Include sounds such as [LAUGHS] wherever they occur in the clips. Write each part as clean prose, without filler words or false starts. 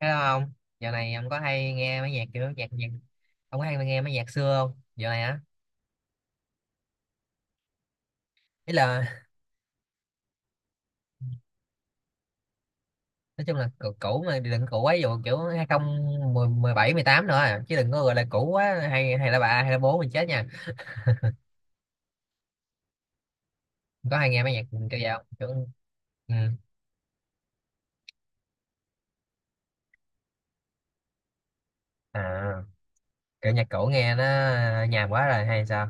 Hello ông, dạo này ông có hay nghe mấy nhạc kiểu nhạc nhạc ông có hay nghe mấy nhạc xưa không? Dạo này á, ý là nói chung là cũ, cũ mà đừng cũ quá, ví dụ kiểu hai không một bảy mười tám nữa à. Chứ đừng có gọi là cũ quá hay hay là bà hay là bố mình chết nha. Ông có hay nghe mấy nhạc kiểu vậy không? Kiểu, ừ. À, kiểu nhạc cũ nghe nó nhàm quá rồi hay sao?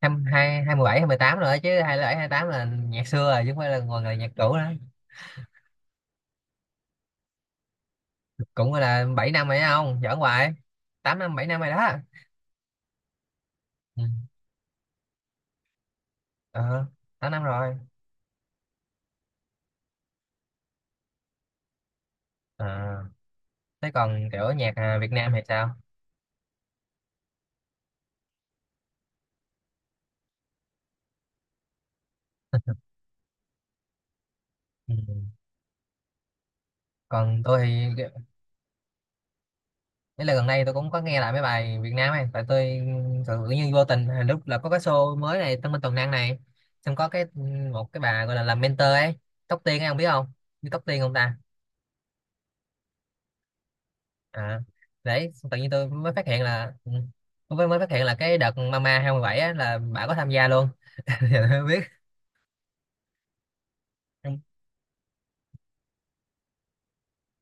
Hai hai hai mười bảy hai mười tám rồi, chứ hai bảy hai tám là nhạc xưa rồi chứ không phải là ngồi là nhạc cũ đó. Cũng gọi là 7 năm rồi đó, không giỡn hoài. Tám năm 7 năm rồi đó. Ừ. Ờ, tám năm rồi. À thế còn kiểu nhạc à, Việt Nam hay sao. Ừ. Còn tôi thì đấy là gần đây tôi cũng có nghe lại mấy bài Việt Nam ấy, tại tôi tự nhiên vô tình à, lúc là có cái show mới này Tân Minh Tuần Năng này, xong có cái một cái bà gọi là làm mentor ấy, Tóc Tiên ấy ông biết không, biết Tóc Tiên không ta. À đấy xong tự nhiên tôi mới phát hiện là tôi mới mới phát hiện là cái đợt Mama 27 á là bà có tham gia luôn. [LAUGHS] Giờ tôi mới biết.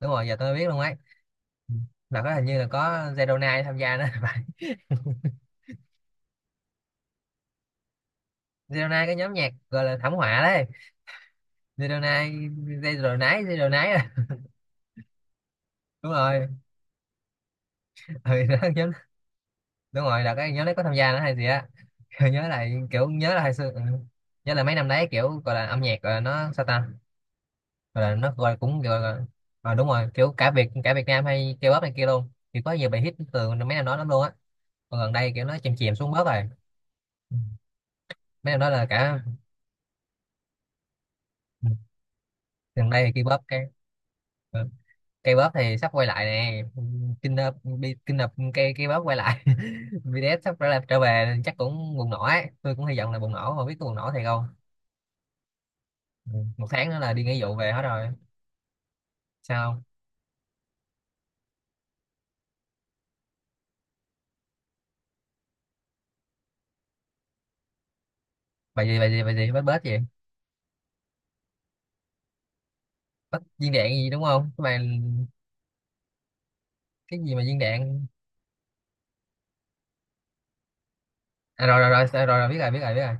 Đúng rồi, giờ tôi mới biết luôn ấy. Ừ. Là có, hình như là có Zero Nine tham gia đó. [LAUGHS] Zero Nine cái nhóm nhạc gọi là thảm họa đấy, Zero Nine. Zero Nine à. Đúng rồi, ừ, [LAUGHS] đó, nhóm, đúng rồi là cái nhóm đấy có tham gia nữa hay gì á. [LAUGHS] Nhớ lại kiểu nhớ là hồi xưa, ừ. Nhớ là mấy năm đấy kiểu gọi là âm nhạc gọi là nó sao ta, gọi là nó gọi là cũng gọi là à, đúng rồi, kiểu cả Việt Nam hay K-pop này kia luôn thì có nhiều bài hit từ mấy năm đó lắm luôn á. Còn gần đây kiểu nó chìm chìm xuống bớt rồi. Ừ, mấy năm đó là cả, ừ, gần đây thì K-pop cái, ừ, cây bóp thì sắp quay lại nè. Kinh nập bi- kinh nập cây cây bóp quay lại. [LAUGHS] BTS sắp trở lại trở về chắc cũng bùng nổ ấy, tôi cũng hy vọng là bùng nổ, không biết có bùng nổ thiệt không. Ừ, một tháng nữa là đi nghĩa vụ về hết rồi. Sao không? Bài gì bết bết gì, bết viên đạn gì đúng không cái bài, cái gì mà viên đạn. À, rồi, rồi rồi rồi rồi biết rồi biết rồi.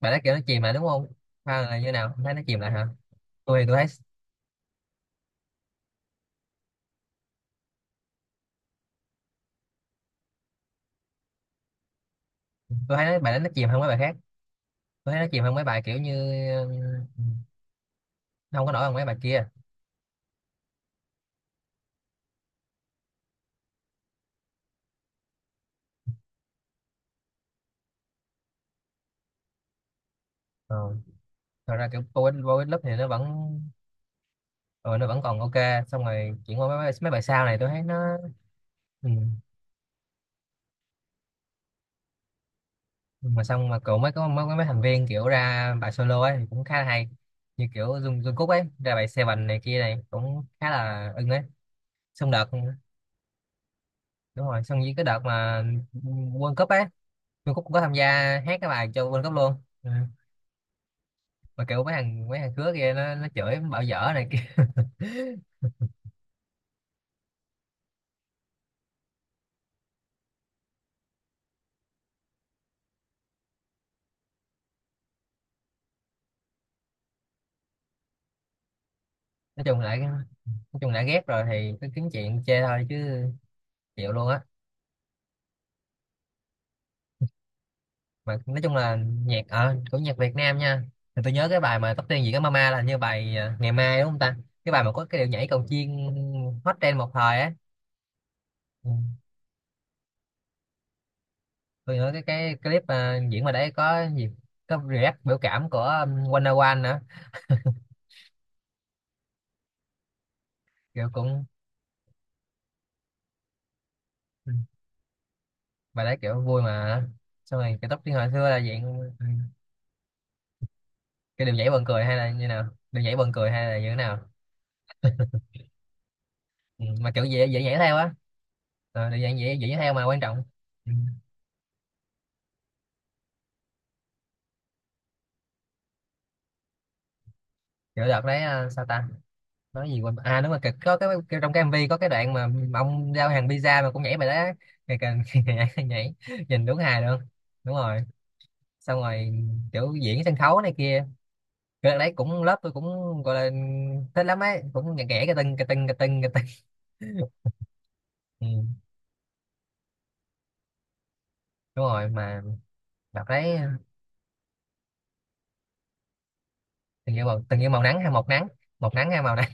Bài đó kiểu nó chìm lại đúng không, hay là như nào. Không thấy nó chìm lại hả. Tôi thấy, tôi thấy nó- bài đó nó chìm hơn mấy bài khác. Tôi thấy nó chìm hơn mấy bài kiểu như, ừ, không có nổi hơn mấy bài kia. Ờ. Thật ra kiểu vô ích lớp thì nó vẫn, ừ, nó vẫn còn ok. Xong rồi chuyển qua mấy bài sau này tôi thấy nó, ừ. Mà xong mà cậu mới có mấy thành viên kiểu ra bài solo ấy thì cũng khá là hay, như kiểu Jungkook ấy ra bài Seven này kia này cũng khá là ưng ấy. Xong đợt, đúng rồi, xong với cái đợt mà World Cup ấy Jungkook cũng có tham gia hát cái bài cho World Cup luôn. Ừ. Mà kiểu mấy thằng khứa kia nó chửi bảo dở này kia. [LAUGHS] Nói chung lại nói chung đã ghét rồi thì cứ kiếm chuyện chê thôi chứ, chịu luôn á. Mà nói chung là nhạc ở của nhạc Việt Nam nha, thì tôi nhớ cái bài mà tóc tiên gì cái Mama là như bài à, ngày mai đúng không ta, cái bài mà có cái điệu nhảy cầu chiên, hot trend một thời á. Ừ. Tôi nhớ cái clip à, diễn mà đấy có gì, có react biểu cảm của Wanna One nữa. Kiểu cũng, ừ, bài đấy kiểu vui mà ờ. Xong rồi cái tóc tiên hồi xưa là dạng, ừ, cái điệu nhảy buồn cười hay là như nào, điệu nhảy buồn cười hay là như thế nào. Ừ. Mà kiểu dễ dễ nhảy theo á. Ờ, điệu nhảy dễ dễ nhảy theo mà quan trọng, ừ. Kiểu đợt đấy à, sao ta, nói gì quên, à đúng rồi cái- có cái trong cái MV có cái đoạn mà ông giao hàng pizza mà cũng nhảy bài đó á. Ngày càng [LAUGHS] nhảy, nhìn đúng hài luôn. Đúng rồi, xong rồi kiểu diễn sân khấu này kia, cái đấy cũng lớp tôi cũng gọi là thích lắm ấy, cũng nhạc ghẻ cái tưng cái tưng cái tưng cái tưng. [LAUGHS] Ừ, đúng rồi mà đọc đấy, từng như màu nắng hay một nắng, một nắng hay màu nắng.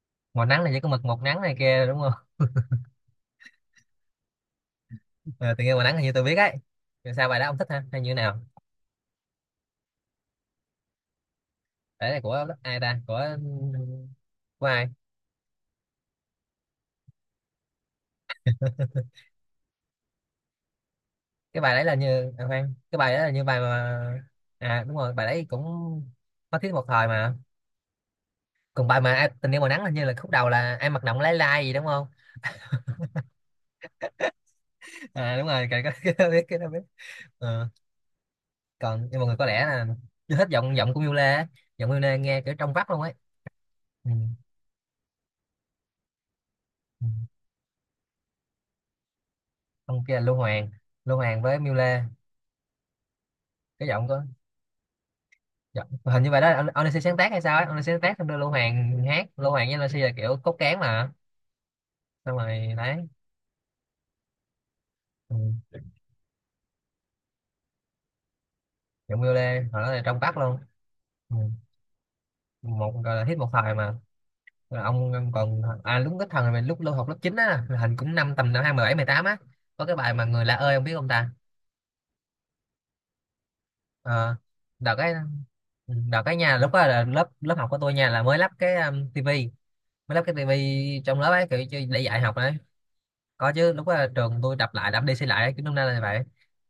[LAUGHS] Màu nắng là chỉ có mực một nắng này kia đúng không. [LAUGHS] Ờ, từng như màu nắng là như tôi biết ấy. Rồi sao bài đó ông thích ha hay như thế nào. Đấy là của ai ta, của ai. Cái bài đấy là như à, khoan, cái bài đấy là như bài mà à đúng rồi, bài đấy cũng có thiết một thời mà. Còn bài mà ai, tình yêu màu nắng hình như là khúc đầu là em mặc động lái lai gì đúng không. À đúng rồi cái [LAUGHS] cái đó biết. Ờ, còn nhưng mọi người có lẽ là chưa thích giọng giọng của Miu Lê á. Giọng Miu Lê nghe kiểu trong vắt luôn ấy. Ừ. Ừ. Ông kia là Lưu Hoàng, Lưu Hoàng với Miu Lê. Cái giọng có, giọng hình như vậy đó ông Lê sáng tác hay sao ấy, ông Lê sáng tác xong đưa Lưu Hoàng hát, Lưu Hoàng với Lê là kiểu cốt cán mà. Xong rồi đấy. Ừ. Giọng Miu Lê hồi đó là trong vắt luôn. Ừ. Một gọi là hết một thời mà. Rồi ông còn à lúc cái thằng này lúc lâu học lớp 9 á là hình cũng năm tầm năm hai mười mười tám á, có cái bài mà người lạ ơi ông biết không ta. Ờ đợt cái, ừ, đợt cái nhà lúc đó là lớp lớp học của tôi nha là mới lắp cái tivi, mới lắp cái tivi trong lớp ấy kiểu cho- để dạy học đấy. Có chứ, lúc đó trường tôi đập đi xây lại ấy, kiểu năm nay là vậy,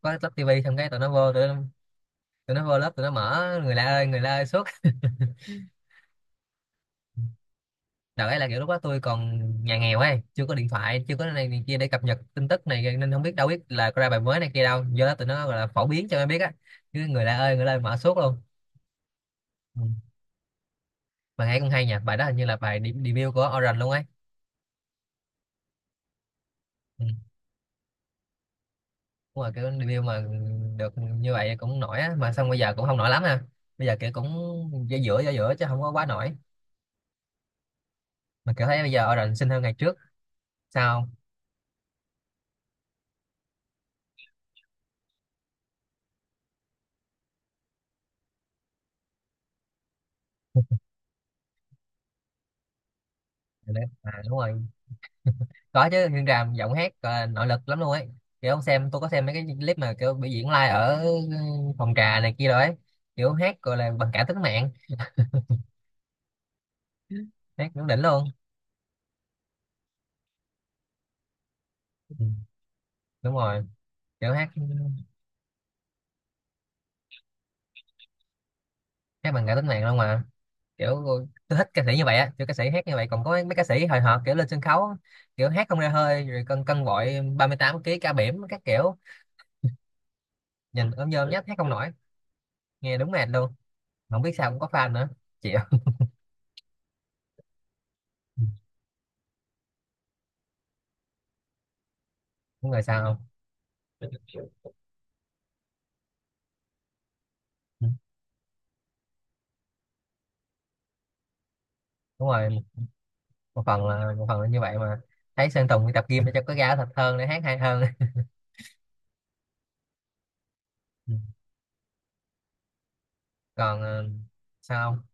có lắp tivi xong cái tụi nó vô tụi nó vô lớp tụi nó mở người lạ ơi suốt. Đợt ấy là kiểu lúc đó tôi còn nhà nghèo ấy, chưa có điện thoại chưa có này kia để cập nhật tin tức này nên không biết đâu, biết là có ra bài mới này kia đâu, do đó tụi nó gọi là phổ biến cho em biết á, chứ người lạ ơi người lạ mở suốt luôn. Ừ. Bài hay cũng hay nhỉ, bài đó hình như là bài de- debut của Orange luôn ấy. Ừ. Đúng rồi kiểu debut mà được như vậy cũng nổi á, mà xong bây giờ cũng không nổi lắm ha, bây giờ kiểu cũng giữa giữa giữa giữa chứ không có quá nổi, mà kiểu thấy bây giờ Orange xinh hơn ngày trước. Sao không? À, đúng rồi. Có chứ, Nguyên Tràm giọng hát ờ, nội lực lắm luôn ấy, kiểu ông xem tôi có xem mấy cái clip mà kiểu biểu diễn live ở phòng trà này kia rồi ấy, kiểu hát gọi là bằng cả tính mạng, hát cũng đỉnh luôn. Ừ, đúng rồi kiểu hát, hát bằng cả tính mạng luôn mà, kiểu tôi thích ca sĩ như vậy á, kiểu ca sĩ hát như vậy, còn có mấy ca sĩ hồi hộp kiểu lên sân khấu kiểu hát không ra hơi rồi cân cân bội 38 kg ca bỉm các kiểu, nhìn ôm nhôm nhách hát không nổi, nghe đúng mệt luôn, không biết sao cũng có fan nữa, chịu. Đúng rồi sao không. Ừ, đúng rồi, một phần là như vậy mà, thấy Sơn Tùng đi tập gym để cho có ra thật hơn để hát hay hơn. [LAUGHS] Ừ. Còn ờ, sao không.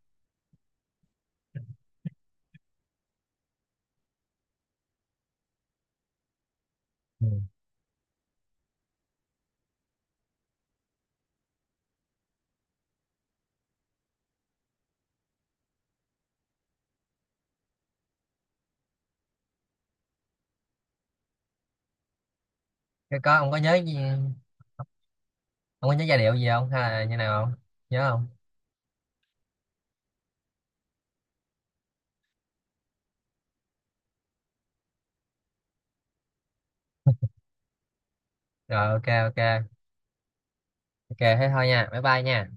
Ừ. Cái có ông có nhớ gì- ông có nhớ giai điệu gì không hay là như nào không, nhớ không. Rồi ok, ok, ok thế thôi nha, bye bye nha.